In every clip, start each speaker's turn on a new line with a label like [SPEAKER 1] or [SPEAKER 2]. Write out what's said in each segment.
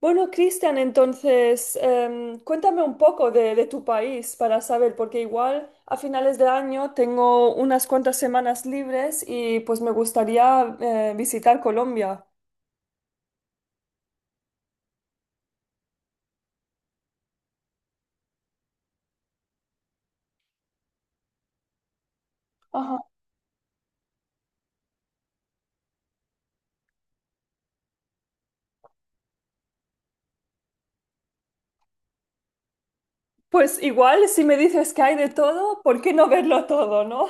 [SPEAKER 1] Bueno, Cristian, entonces, cuéntame un poco de tu país para saber, porque igual a finales de año tengo unas cuantas semanas libres y pues me gustaría visitar Colombia. Pues igual, si me dices que hay de todo, ¿por qué no verlo todo, no?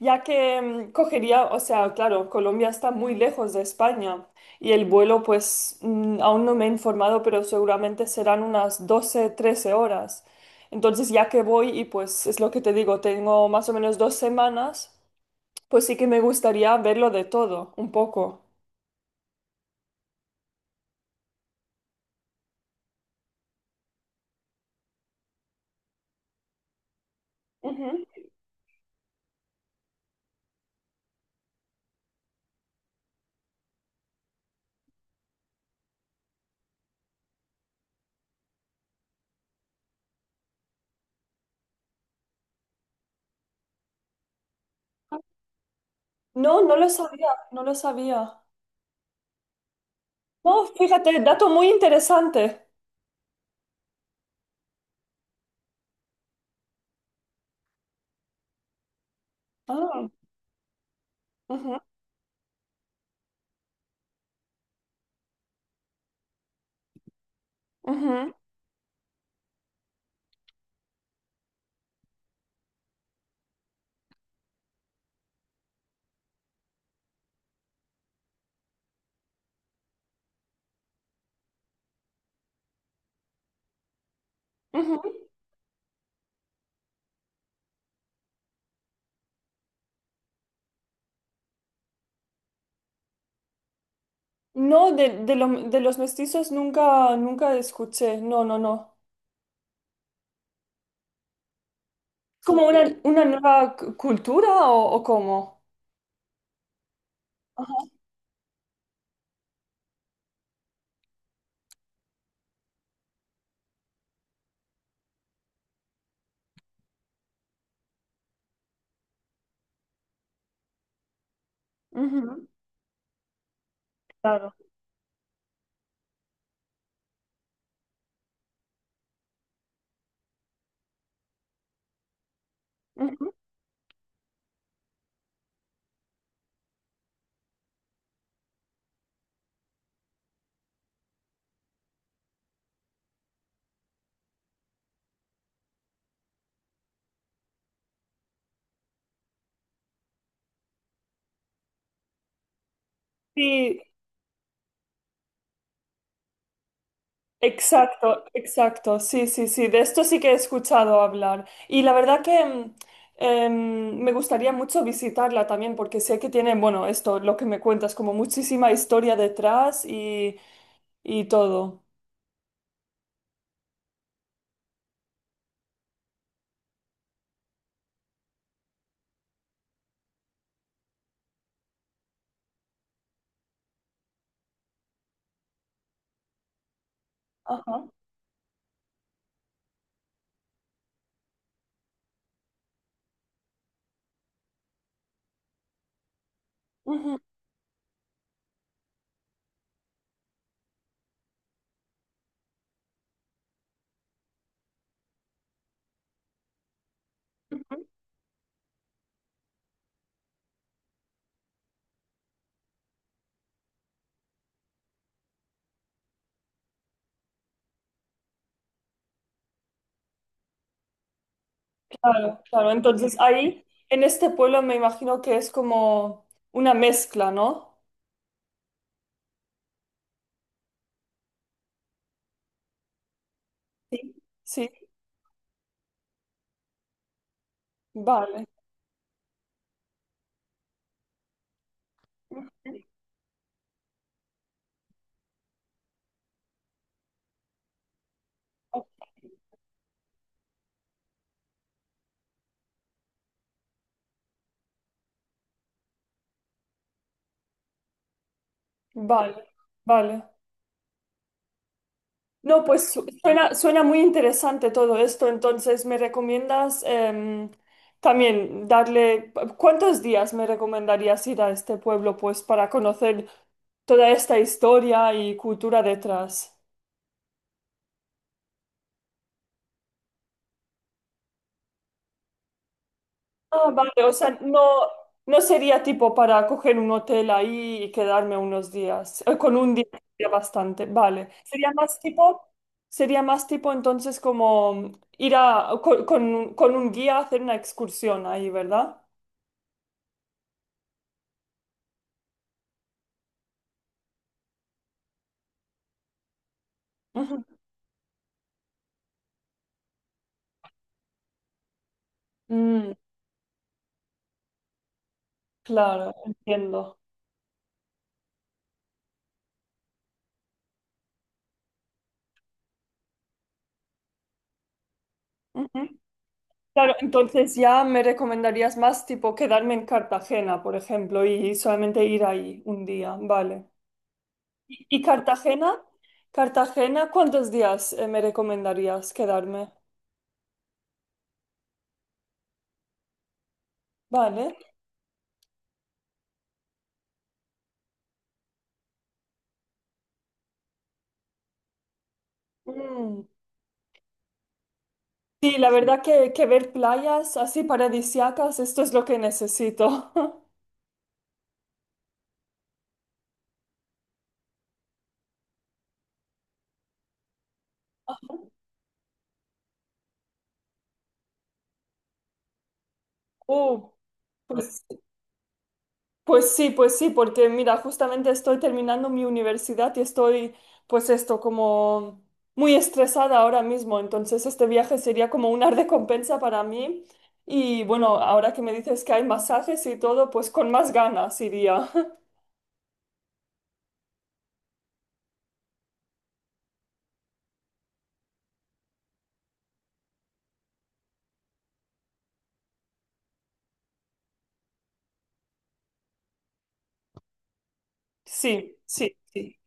[SPEAKER 1] Ya que cogería, o sea, claro, Colombia está muy lejos de España y el vuelo, pues aún no me he informado, pero seguramente serán unas 12, 13 horas. Entonces, ya que voy y pues es lo que te digo, tengo más o menos 2 semanas, pues sí que me gustaría verlo de todo, un poco. Ujú. No, no lo sabía, no lo sabía. No, fíjate, dato muy interesante. Ah, ujú, ujú. Ujú. No, de los mestizos nunca, nunca escuché. No, no, no. ¿Como una nueva cultura o cómo? Ajá. Ujú. Claro. Ujú. Sí, exacto, exacto. Sí, sí, sí. De esto sí que he escuchado hablar. Y la verdad que me gustaría mucho visitarla también porque sé que tiene, bueno, esto, lo que me cuentas, como muchísima historia detrás y todo. Ajá. Ujú. Ujú. Claro, claro. Entonces ahí, en este pueblo me imagino que es como una mezcla, ¿no? Sí. Sí, vale. Vale, vale. No, pues suena, suena muy interesante todo esto, entonces me recomiendas también darle, ¿cuántos días me recomendarías ir a este pueblo pues para conocer toda esta historia y cultura detrás? Ah, vale, o sea, no, no sería tipo para coger un hotel ahí y quedarme unos días. Con un día sería bastante, vale. Sería más tipo entonces como ir a, con un guía a hacer una excursión ahí, ¿verdad? Ujú. Mm, claro, entiendo. Ujú. Claro, entonces ya me recomendarías más tipo quedarme en Cartagena, por ejemplo, y solamente ir ahí un día, vale. ¿Y Cartagena? Cartagena, ¿cuántos días me recomendarías quedarme? Vale. Mm. Sí, la verdad que ver playas así paradisíacas, esto es lo que necesito. Uh, pues, pues sí, porque mira, justamente estoy terminando mi universidad y estoy, pues esto, como muy estresada ahora mismo. Entonces este viaje sería como una recompensa para mí. Y bueno, ahora que me dices que hay masajes y todo, pues con más ganas iría. Sí, sí, sí.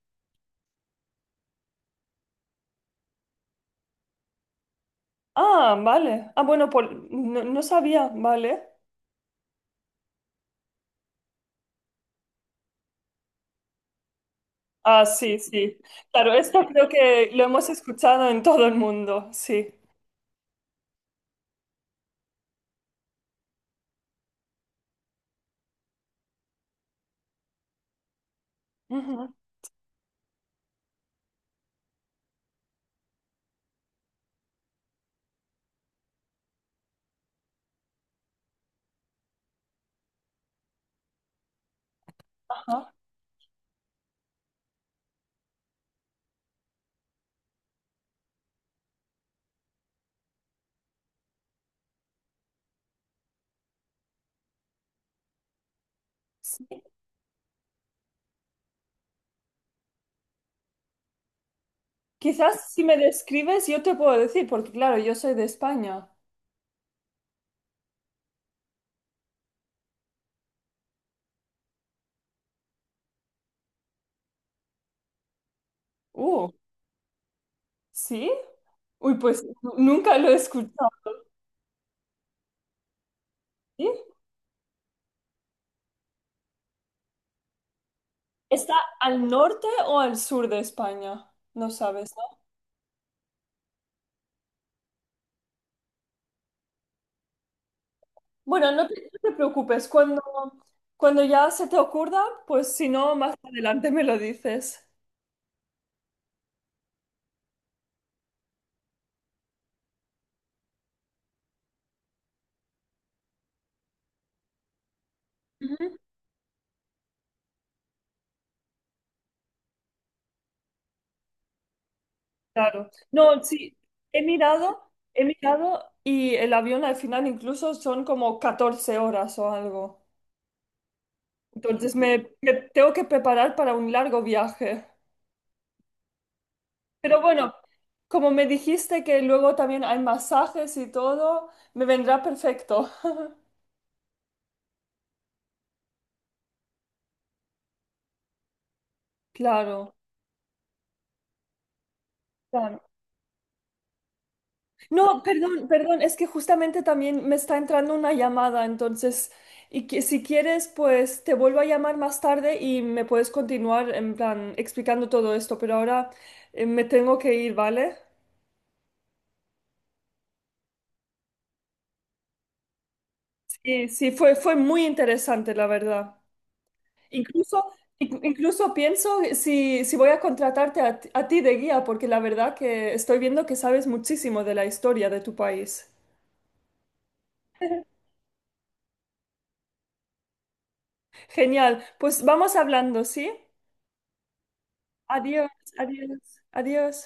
[SPEAKER 1] Ah, vale. Ah, bueno, no, no sabía, vale. Ah, sí, sí. Claro, esto creo que lo hemos escuchado en todo el mundo, sí. Ujú, ajá, sí. Quizás si me describes yo te puedo decir, porque claro, yo soy de España. Uh, ¿Sí? Uy, pues nunca lo he escuchado, ¿sí? ¿Está al norte o al sur de España? No sabes. Bueno, no te preocupes, cuando, cuando ya se te ocurra, pues si no, más adelante me lo dices. Ujú. Claro. No, sí, he mirado y el avión al final incluso son como 14 horas o algo. Entonces me tengo que preparar para un largo viaje. Pero bueno, como me dijiste que luego también hay masajes y todo, me vendrá perfecto. Claro, claro. No, perdón, perdón, es que justamente también me está entrando una llamada, entonces, y que si quieres, pues te vuelvo a llamar más tarde y me puedes continuar en plan explicando todo esto, pero ahora me tengo que ir, ¿vale? Sí, fue, fue muy interesante, la verdad. Incluso, incluso pienso si, si voy a contratarte ti a ti de guía, porque la verdad que estoy viendo que sabes muchísimo de la historia de tu país. Genial, pues vamos hablando, ¿sí? Adiós, adiós, adiós.